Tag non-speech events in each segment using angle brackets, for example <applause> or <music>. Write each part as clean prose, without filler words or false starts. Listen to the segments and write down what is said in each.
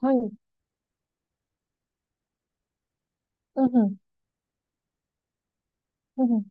はい。うんうん。うんうん。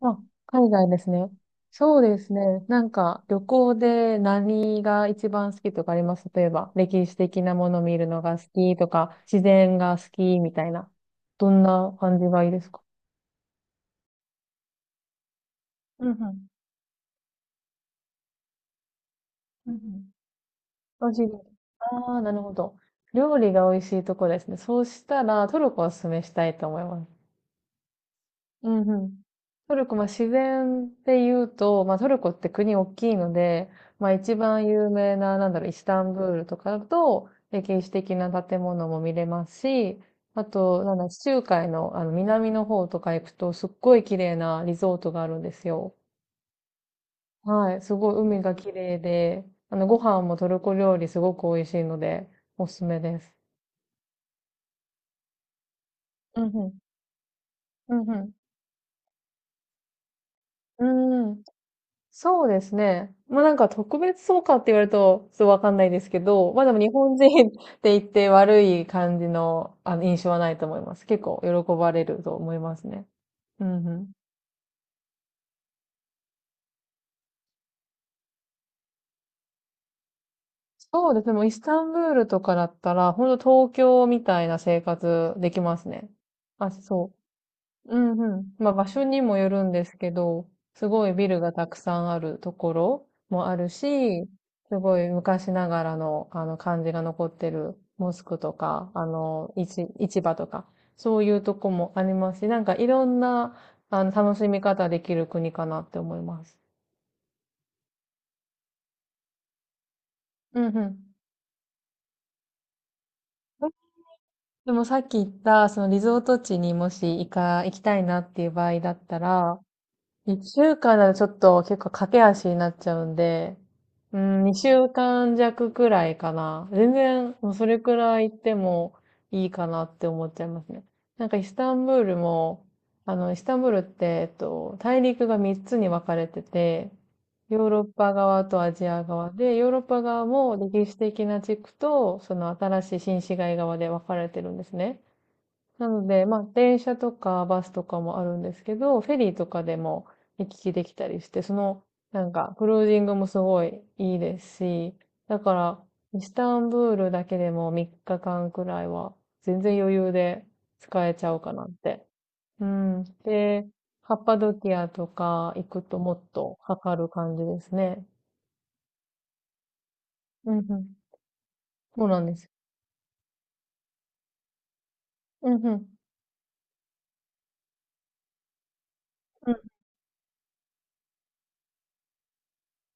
あ、海外ですね。そうですね。なんか、旅行で何が一番好きとかあります？例えば、歴史的なもの見るのが好きとか、自然が好きみたいな。どんな感じがいいですか？うんうん。うんうん。美味しいです。ああ、なるほど。料理が美味しいとこですね。そうしたら、トルコをおすすめしたいと思います。うんうん。トルコ、まあ、自然で言うと、まあ、トルコって国大きいので、まあ、一番有名な、なんだろう、イスタンブールとかだと、歴史的な建物も見れますし、あと、なんだ、地中海の、南の方とか行くと、すっごい綺麗なリゾートがあるんですよ。はい、すごい海が綺麗で、ご飯もトルコ料理すごく美味しいので、おすすめです。うんうん。うんうん。うん、そうですね。ま、あなんか特別そうかって言われると、ちょっとわかんないですけど、ま、あでも日本人 <laughs> って言って悪い感じの、印象はないと思います。結構喜ばれると思いますね。うんうん。そうですね、もうイスタンブールとかだったら、ほんと東京みたいな生活できますね。あ、そう。うんうん。まあ場所にもよるんですけど、すごいビルがたくさんあるところもあるし、すごい昔ながらのあの感じが残ってるモスクとか、市場とか、そういうとこもありますし、なんかいろんな楽しみ方できる国かなって思います。うんうん。えでもさっき言った、そのリゾート地にもし行きたいなっていう場合だったら、一週間だとちょっと結構駆け足になっちゃうんで、うん、二週間弱くらいかな。全然、もうそれくらい行ってもいいかなって思っちゃいますね。なんかイスタンブールも、イスタンブールって、大陸が三つに分かれてて、ヨーロッパ側とアジア側で、ヨーロッパ側も歴史的な地区と、その新しい新市街側で分かれてるんですね。なので、まあ、電車とかバスとかもあるんですけど、フェリーとかでも行き来できたりして、その、なんか、クルージングもすごいいいですし、だから、イスタンブールだけでも3日間くらいは、全然余裕で使えちゃうかなって。うん。で、カッパドキアとか行くともっとかかる感じですね。うんうん。そうなんです。うんうん。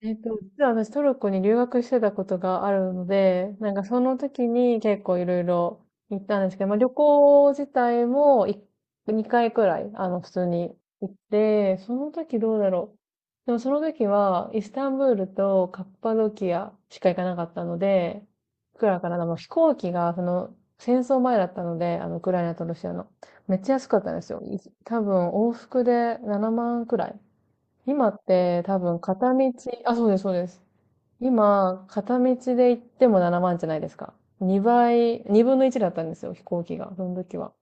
実は私トルコに留学してたことがあるので、なんかその時に結構いろいろ行ったんですけど、まあ、旅行自体も2回くらい、普通に行って、その時どうだろう。でもその時はイスタンブールとカッパドキアしか行かなかったので、いくらかな、でも飛行機がその戦争前だったので、ウクライナとロシアの。めっちゃ安かったんですよ。多分往復で7万くらい。今って多分片道、あ、そうです、そうです。今、片道で行っても7万じゃないですか。2倍、2分の1だったんですよ、飛行機が。その時は。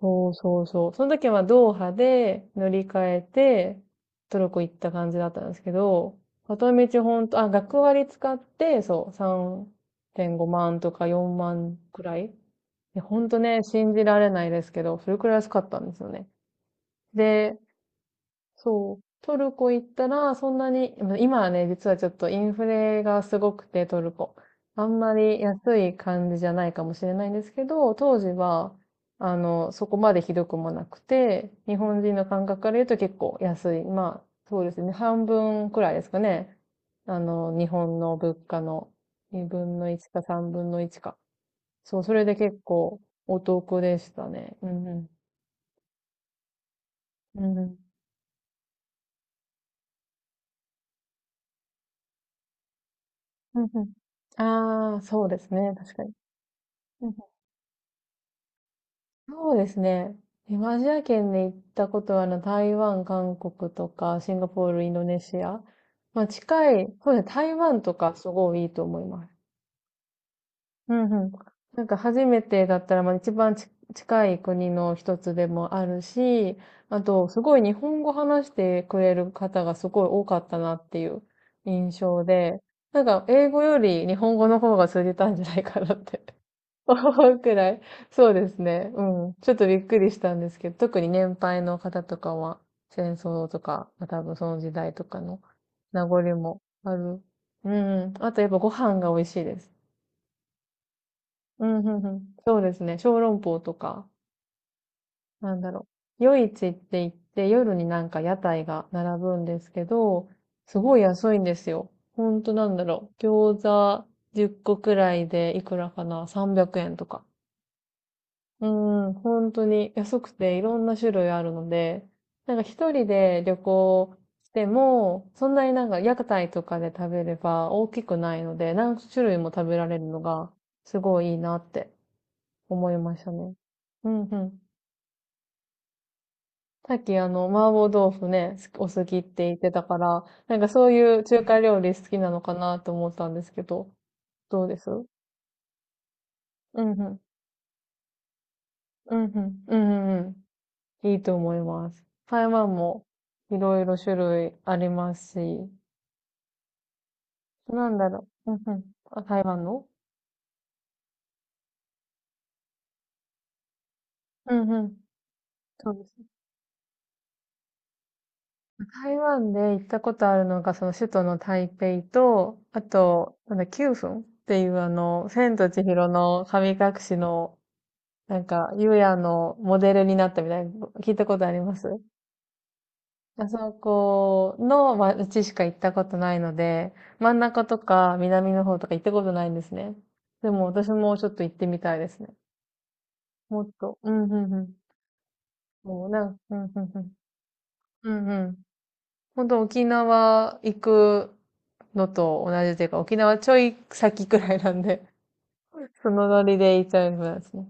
そうそうそう。その時はドーハで乗り換えて、トルコ行った感じだったんですけど、片道ほんと、あ、学割使って、そう、3.5万とか4万くらい。いや、ほんとね、信じられないですけど、それくらい安かったんですよね。で、そう。トルコ行ったら、そんなに、まあ今はね、実はちょっとインフレがすごくて、トルコ。あんまり安い感じじゃないかもしれないんですけど、当時は、そこまでひどくもなくて、日本人の感覚から言うと結構安い。まあ、そうですね。半分くらいですかね。日本の物価の2分の1か3分の1か。そう、それで結構お得でしたね。うんうん。うんうん。うんうん。ああ、そうですね。確かに。うん、そうですね。東アジア圏で行ったことは、台湾、韓国とか、シンガポール、インドネシア。まあ、近い、そうですね、台湾とかすごいいいと思います。うんうん。なんか初めてだったら、まあ、一番近い国の一つでもあるし、あと、すごい日本語話してくれる方がすごい多かったなっていう印象で、なんか、英語より日本語の方が通じたんじゃないかなって <laughs> くらい。そうですね。うん。ちょっとびっくりしたんですけど、特に年配の方とかは、戦争とか、まあ多分その時代とかの名残もある。うん。あとやっぱご飯が美味しいです。うん、うん、うん。そうですね。小籠包とか、なんだろう。夜市って言って、夜になんか屋台が並ぶんですけど、すごい安いんですよ。ほんとなんだろう。餃子10個くらいでいくらかな ?300 円とか。うん、本当に安くていろんな種類あるので、なんか一人で旅行しても、そんなになんか屋台とかで食べれば大きくないので、何種類も食べられるのがすごいいいなって思いましたね。うんうん。さっき麻婆豆腐ね、好きお好きって言ってたから、なんかそういう中華料理好きなのかなと思ったんですけど、どうです？うんうん。うんうん。うんうんうん。いいと思います。台湾もいろいろ種類ありますし、なんだろう。うんうん。あ、台湾の。うんうん。そうですね。台湾で行ったことあるのが、その首都の台北と、あと、なんだ、九份っていう千と千尋の神隠しの、なんか、ゆうやのモデルになったみたいな、聞いたことあります？あそこの街しか行ったことないので、真ん中とか南の方とか行ったことないんですね。でも私もちょっと行ってみたいですね。もっと。うん、うん、うん。もううん、うん、うん。うん、うん。本当沖縄行くのと同じというか、沖縄ちょい先くらいなんで、<laughs> そのノリで行っちゃいますね。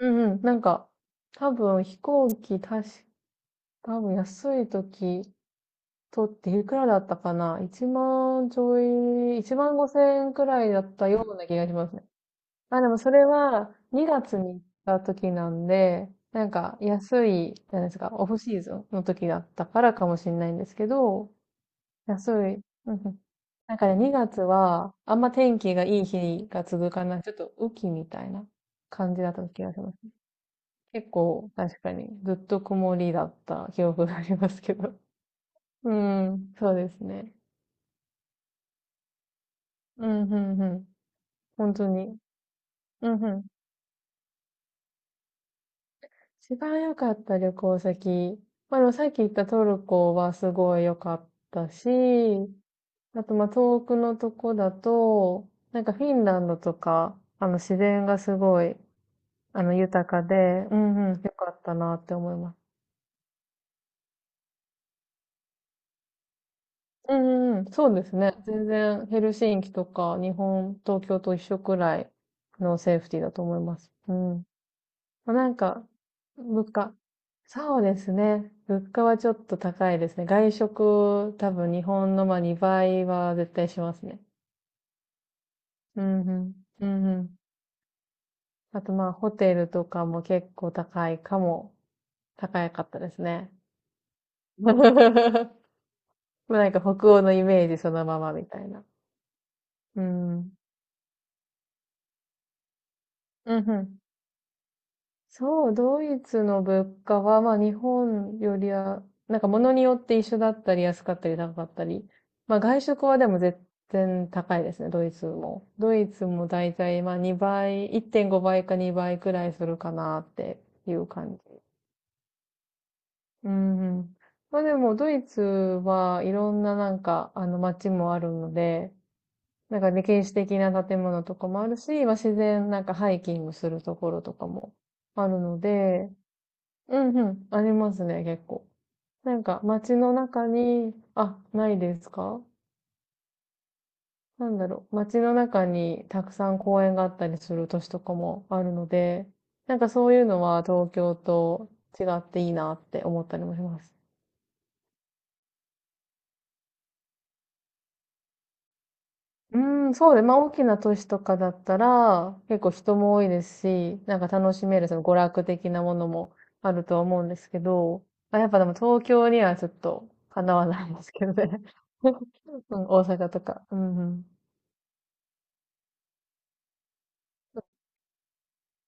うん、うん。なんか、多分飛行機、多分安い時、とっていくらだったかな？ 1 万ちょい、万5千円くらいだったような気がしますね。あ、でもそれは2月に行った時なんで、なんか安い、なんですか、オフシーズンの時だったからかもしれないんですけど、安い。うんうん、なんかね、2月はあんま天気がいい日が続かない、ちょっと雨季みたいな感じだった気がします。結構確かにずっと曇りだった記憶がありますけど。うん、そうですね。うん、ふんふん。ほんとに。うんうんうん、本当に、うんうん。一番良かった旅行先。まあ、でもさっき言ったトルコはすごい良かったし、あと、まあ、遠くのとこだと、なんかフィンランドとか、自然がすごい、豊かで、うんうん、良かったなって思います。うんうんうん、そうですね。全然ヘルシンキとか日本、東京と一緒くらいのセーフティーだと思います。うん。まあなんか、物価。そうですね。物価はちょっと高いですね。外食、多分日本のまあ2倍は絶対しますね。うんうん。うんうん。あとまあホテルとかも結構高いかも。高かったですね。<laughs> まあなんか北欧のイメージそのままみたいな。うん。うんうん。そう、ドイツの物価は、まあ日本よりは、なんか物によって一緒だったり安かったり高かったり。まあ外食はでも絶対高いですね、ドイツも。ドイツもだいたいまあ2倍、1.5倍か2倍くらいするかなっていう感じ。うんうん。まあでもドイツはいろんななんかあの街もあるので、なんか歴史的な建物とかもあるし、まあ自然なんかハイキングするところとかもあるので、うんうん。ありますね、結構。なんか街の中に、あ、ないですか？なんだろう。街の中にたくさん公園があったりする都市とかもあるので、なんかそういうのは東京と違っていいなって思ったりもします。うん、そうで、まあ大きな都市とかだったら、結構人も多いですし、なんか楽しめるその娯楽的なものもあるとは思うんですけど、まあ、やっぱでも東京にはちょっとかなわないですけどね。<laughs> うん、大阪とか。うんうん